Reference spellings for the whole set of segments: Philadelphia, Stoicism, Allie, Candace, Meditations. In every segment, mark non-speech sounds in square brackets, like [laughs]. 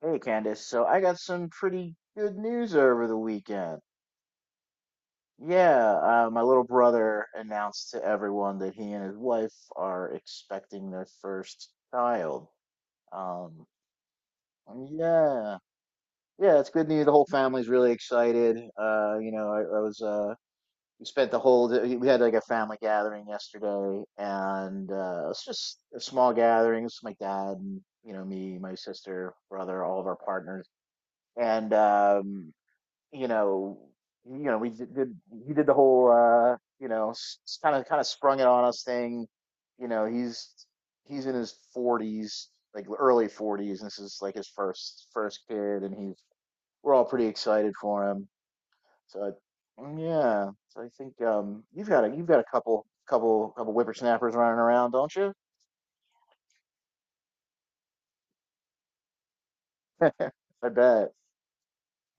Hey Candace, so I got some pretty good news over the weekend. Yeah, my little brother announced to everyone that he and his wife are expecting their first child. Um, yeah, yeah, it's good news. The whole family's really excited. I was we spent the whole we had like a family gathering yesterday, and it's just a small gathering. It's my dad and you know me, my sister, brother, all of our partners. And you know, you know, we did he did the whole kind of sprung it on us thing. You know, he's in his 40s, like early 40s. This is like his first kid, and he's, we're all pretty excited for him. So, yeah, so I think you've got a couple whippersnappers running around, don't you? I bet.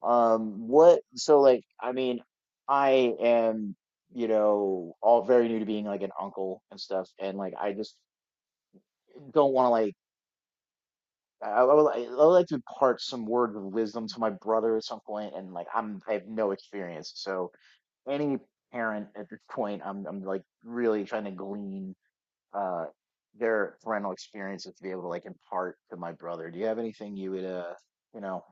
What, so like, I mean, I am, you know, all very new to being like an uncle and stuff, and like, I just don't want to like, I, I would, I would like to impart some words of wisdom to my brother at some point, and like, I have no experience, so any parent at this point, I'm like really trying to glean uh, their parental experiences to be able to like impart to my brother. Do you have anything you would, you know?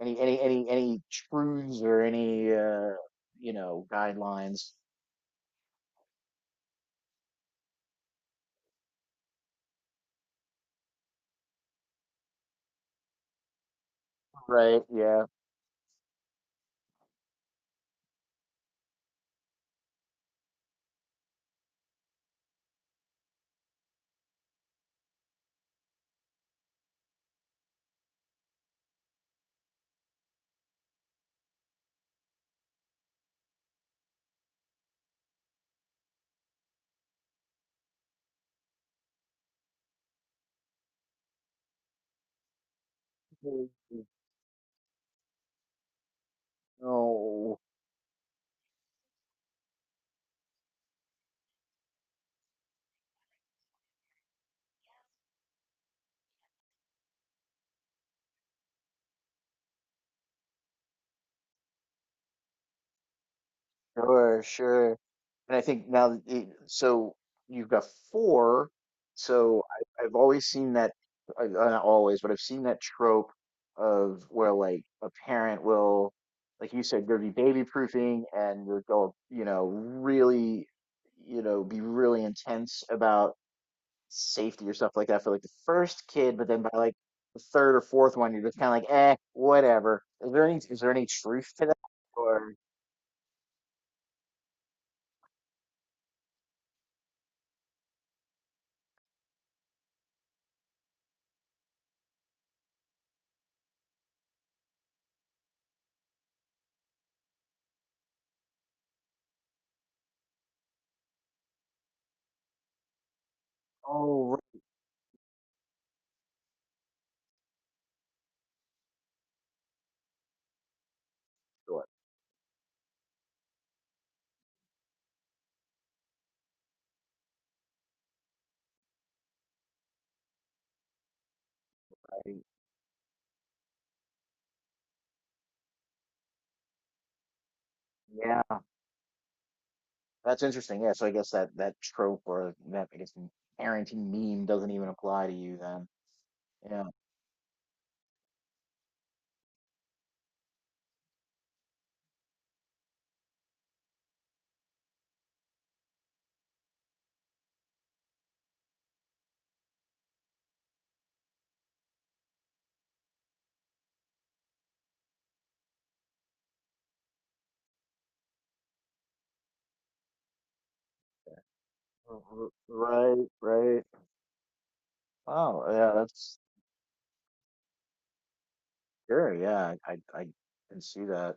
Any truths or any guidelines? Right, yeah. Mm. Oh, sure, sure. And I think now that it, so you've got four. So I, I've always seen that, I, not always, but I've seen that trope of where like a parent will, like you said, go do baby proofing and they'll go, you know, really, you know, be really intense about safety or stuff like that for like the first kid, but then by like the third or fourth one, you're just kind of like, eh, whatever. Is there any truth to that? Or oh, right. Sure. I mean, yeah, that's interesting. Yeah, so I guess that that trope or that I guess parenting meme doesn't even apply to you then. Yeah. Right. Right. Oh, yeah. That's sure. Yeah, I can see that.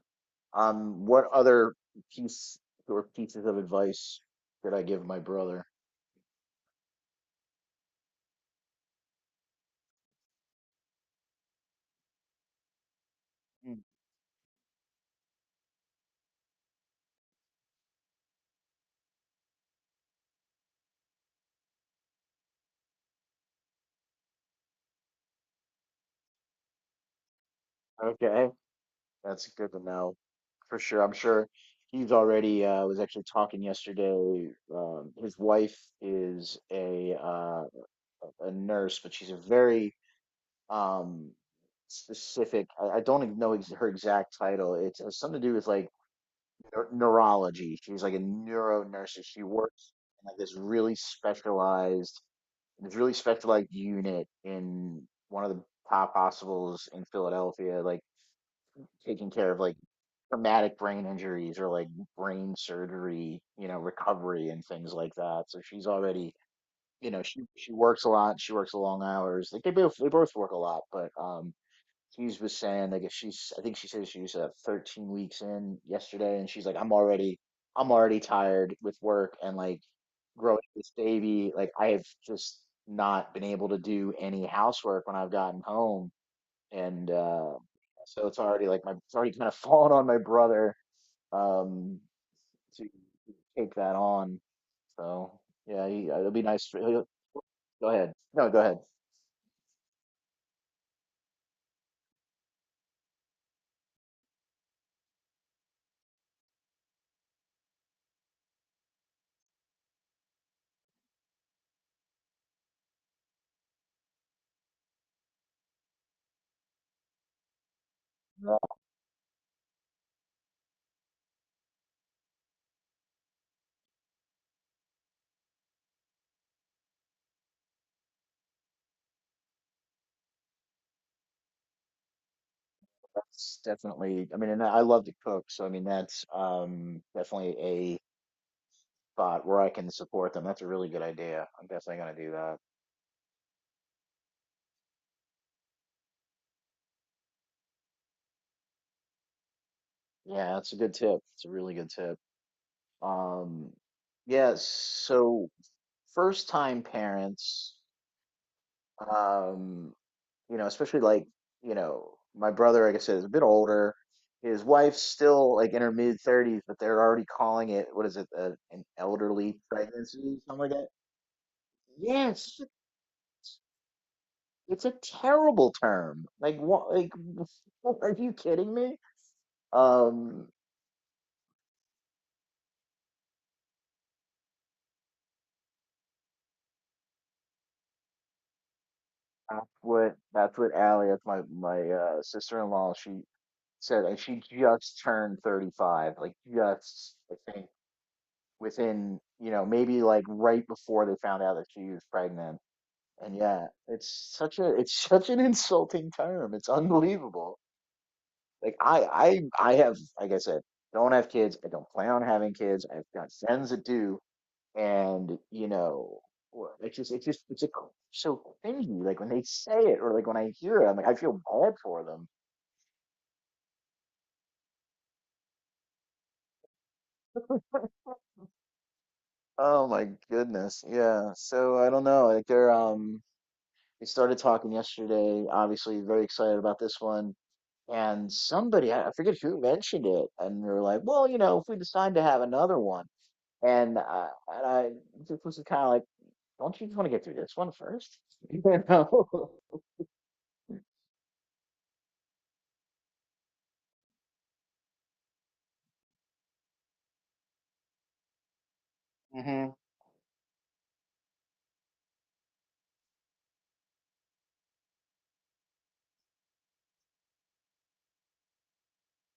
What other piece or pieces of advice could I give my brother? Okay, that's good to know for sure. I'm sure he's already was actually talking yesterday. His wife is a nurse, but she's a very um specific, I don't even know ex her exact title. It has something to do with like neurology. She's like a neuro nurse. She works in like this really specialized unit in one of the top hospitals in Philadelphia, like taking care of like traumatic brain injuries or like brain surgery, you know, recovery and things like that. So she's already, you know, she works a lot. She works long hours. Like they both work a lot, but Hughes was saying like if she's, I think she said she was 13 weeks in yesterday, and she's like I'm already tired with work and like growing this baby. Like I have just not been able to do any housework when I've gotten home, and so it's already like my it's already kind of [laughs] fallen on my brother, um, to take that on. So yeah, he, it'll be nice. For, he'll, go ahead. No, go ahead. No, that's definitely. I mean, and I love to cook, so I mean that's definitely a spot where I can support them. That's a really good idea. I'm definitely gonna do that. Yeah, that's a good tip. It's a really good tip. Um, yeah. So first time parents. Um, you know, especially like, you know, my brother, like I said, is a bit older. His wife's still like in her mid thirties, but they're already calling it, what is it, an elderly pregnancy, something like that. Yes, it's a terrible term. Like what? Like, [laughs] are you kidding me? Um, that's what Allie, that's my sister-in-law, she said, and she just turned 35, like just I think within, you know, maybe like right before they found out that she was pregnant. And yeah, it's such a it's [laughs] such an insulting term. It's unbelievable. Like I have, like I said, don't have kids. I don't plan on having kids. I've got friends that do, and you know, it's a, so cringy. Like when they say it, or like when I hear it, I'm like I feel bad for them. Oh my goodness, yeah. So I don't know. Like they're they started talking yesterday. Obviously, very excited about this one. And somebody, I forget who mentioned it, and they were like, "Well, you know, if we decide to have another one," and I just was kind of like, "Don't you just want to get through this one first? [laughs] You know?" [laughs] Hmm.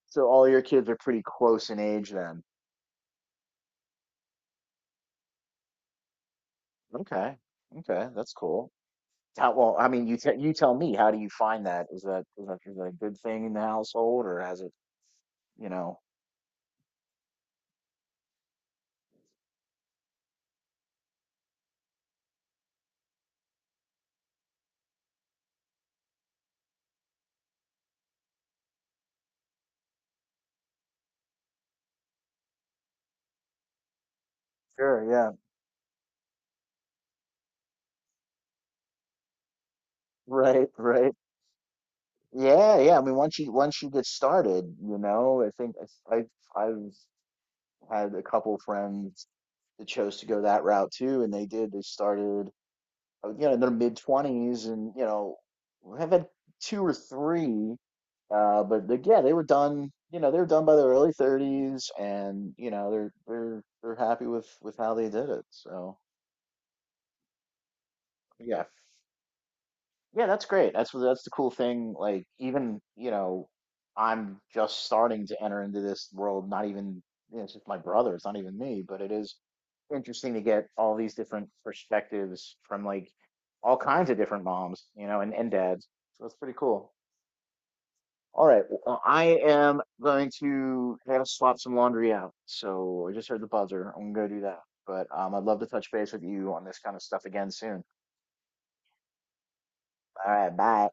So all your kids are pretty close in age then. Okay, okay, that's cool. How, well, I mean, you tell me. How do you find that? Is that a good thing in the household, or has it, you know? Sure, yeah, right, right. Yeah, yeah. I mean, once you get started, you know, I think I I had a couple friends that chose to go that route too, and they did. They started, you know, in their mid twenties, and you know, I've had two or three, but they, yeah, they were done. You know, they were done by their early 30s, and you know, they're happy with how they did it. So yeah, yeah, that's great. That's the cool thing. Like even, you know, I'm just starting to enter into this world, not even, you know, it's just my brother, it's not even me, but it is interesting to get all these different perspectives from like all kinds of different moms, you know, and dads. So that's pretty cool. All right, I am going to I gotta swap some laundry out. So I just heard the buzzer. I'm gonna go do that. But I'd love to touch base with you on this kind of stuff again soon. All right, bye.